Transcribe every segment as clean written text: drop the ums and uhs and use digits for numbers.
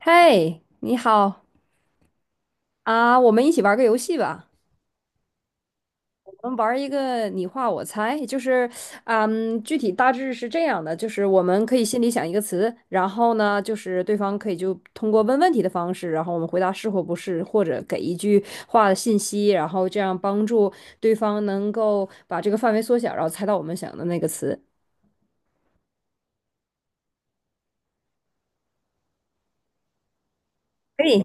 嘿，你好啊，我们一起玩个游戏吧。我们玩一个你画我猜，就是，具体大致是这样的，就是我们可以心里想一个词，然后呢，就是对方可以就通过问问题的方式，然后我们回答是或不是，或者给一句话的信息，然后这样帮助对方能够把这个范围缩小，然后猜到我们想的那个词。可以，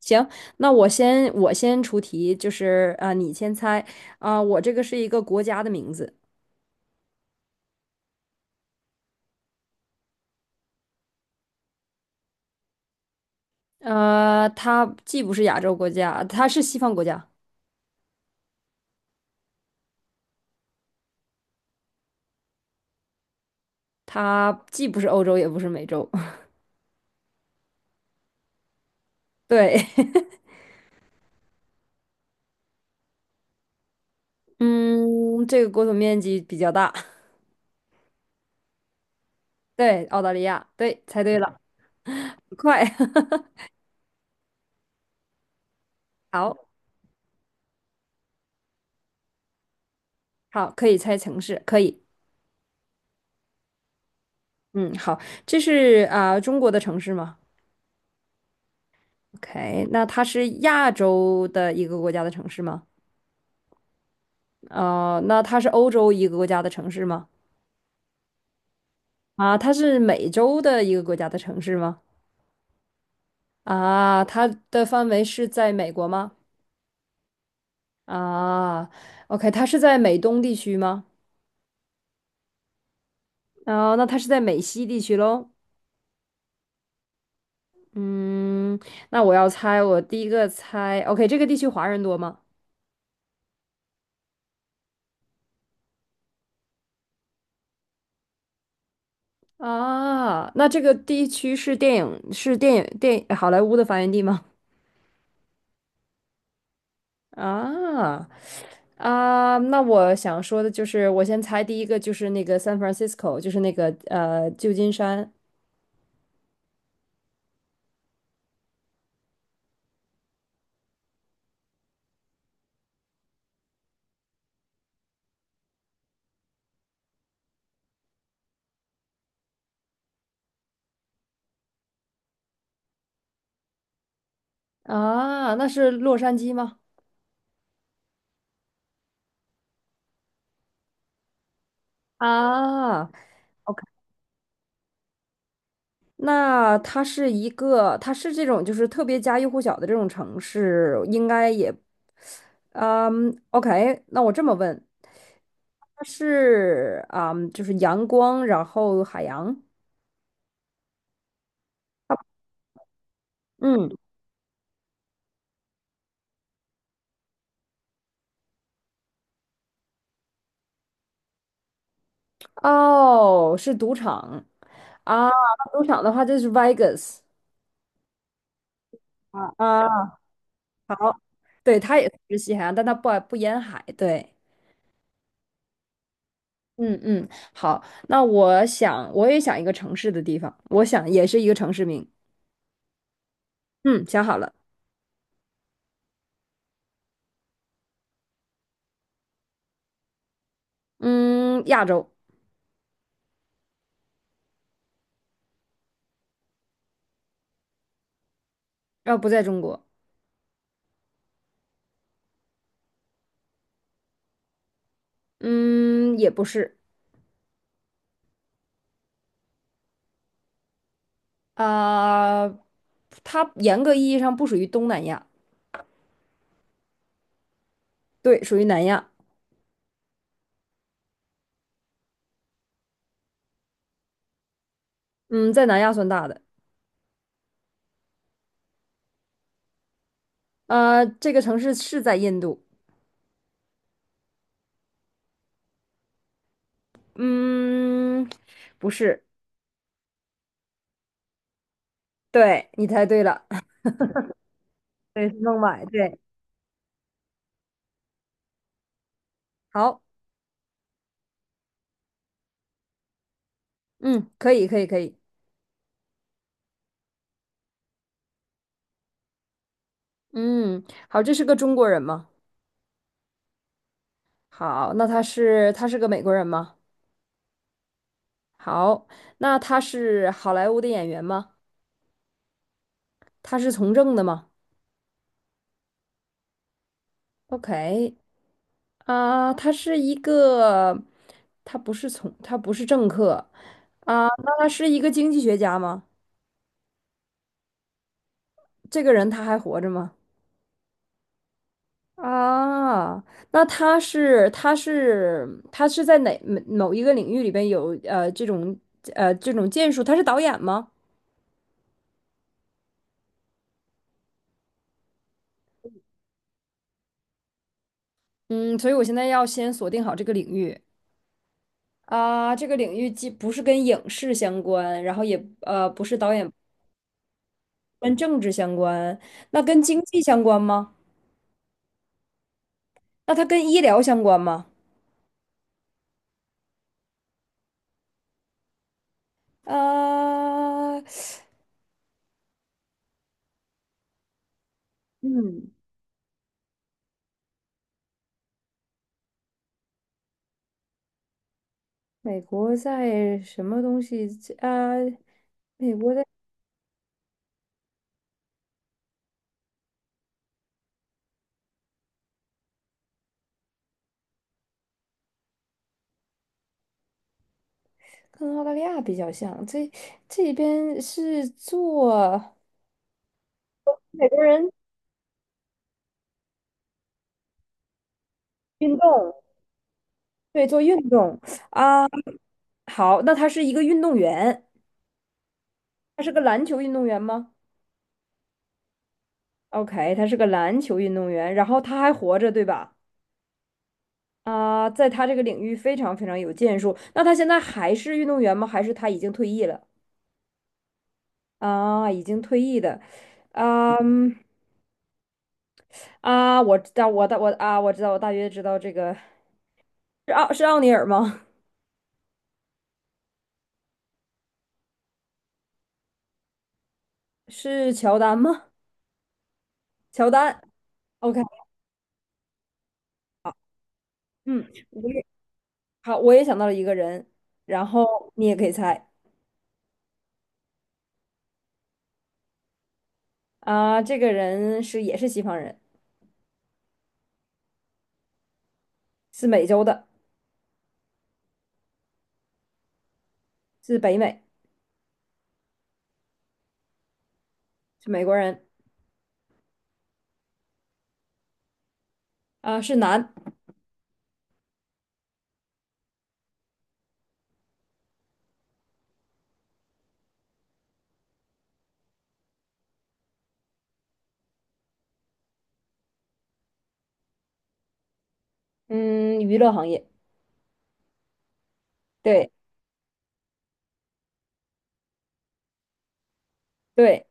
行，那我先出题，就是啊，你先猜啊，我这个是一个国家的名字。它既不是亚洲国家，它是西方国家，它既不是欧洲，也不是美洲。对，嗯，这个国土面积比较大。对，澳大利亚，对，猜对了，很快。好，好，可以猜城市，可以。嗯，好，这是中国的城市吗？OK，那它是亚洲的一个国家的城市吗？哦，那它是欧洲一个国家的城市吗？啊，它是美洲的一个国家的城市吗？啊，它的范围是在美国吗？啊，OK，它是在美东地区吗？啊，那它是在美西地区喽。嗯，那我要猜，我第一个猜，OK，这个地区华人多吗？啊，那这个地区是电影是电影电好莱坞的发源地吗？啊那我想说的就是，我先猜第一个就是那个 San Francisco，就是那个旧金山啊，那是洛杉矶吗？啊 OK，那它是这种就是特别家喻户晓的这种城市，应该也，嗯，OK，那我这么问，它是啊，就是阳光，然后海洋，嗯，哦，是赌场啊，那赌场的话就是 Vegas 啊，啊，好，对，它也是西海岸，但它不沿海，对，嗯嗯，好，那我想一个城市的地方，我想也是一个城市名，嗯，想好了。嗯，亚洲，不在中国，嗯，也不是，啊、它严格意义上不属于东南亚，对，属于南亚，嗯，在南亚算大的，这个城市是在印度，嗯，不是，对，你猜对了，对，是孟买，对，好，嗯，可以，可以，可以，嗯，好，这是个中国人吗？好，那他是个美国人吗？好，那他是好莱坞的演员吗？他是从政的吗？OK，啊，他不是政客，啊，那他是一个经济学家吗？这个人他还活着吗？啊，那他是在哪某某一个领域里边有这种建树？他是导演吗？嗯，所以我现在要先锁定好这个领域啊，这个领域既不是跟影视相关，然后也不是导演，跟政治相关，那跟经济相关吗？那它跟医疗相关吗？啊，嗯，美国在什么东西啊？美国的跟澳大利亚比较像，这边是做美国人运动，对，做运动。好，那他是一个运动员，他是个篮球运动员吗？OK，他是个篮球运动员，然后他还活着，对吧？啊，在他这个领域非常非常有建树。那他现在还是运动员吗？还是他已经退役了？啊，已经退役的。啊。啊，我知道，我知道，我大约知道这个是奥尼尔吗？是乔丹吗？乔丹，OK，嗯，好，我也想到了一个人，然后你也可以猜啊，这个人也是西方人，是美洲的，是北美，是美国人啊，是男，嗯，娱乐行业，对对，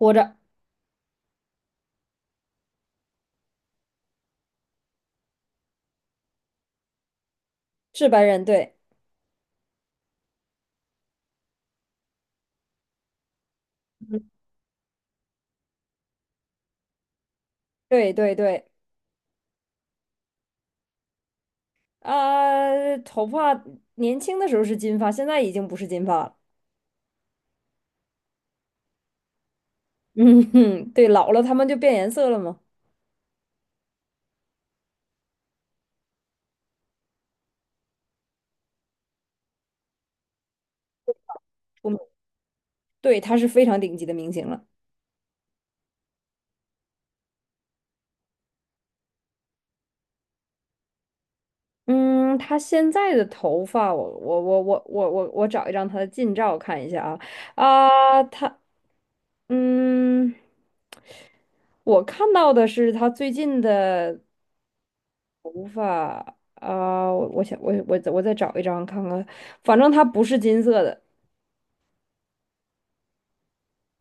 活着是白人，对，嗯对对对，啊，头发年轻的时候是金发，现在已经不是金发了。嗯哼，对，老了他们就变颜色了嘛。我们对，他是非常顶级的明星了。嗯，他现在的头发，我找一张他的近照看一下啊啊，嗯，我看到的是他最近的啊，我想我再找一张看看，反正他不是金色的，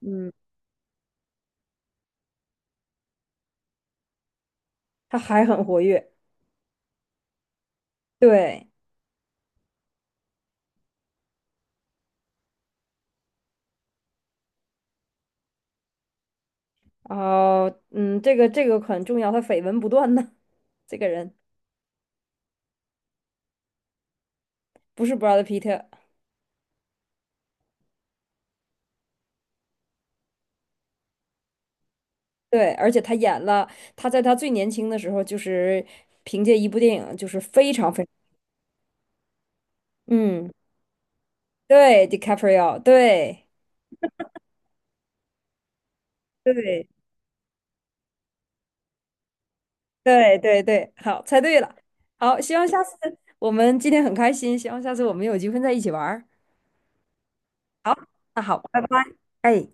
嗯，他还很活跃，对，啊，嗯，这个很重要，他绯闻不断呢，这个人。不是 Brad Pitt，对，而且他演了，他在他最年轻的时候，就是凭借一部电影，就是非常非常，嗯，对，DiCaprio，对，对，对，对，对，好，猜对了，好，希望下次我们今天很开心，希望下次我们有机会在一起玩儿，好，那好，拜拜，哎。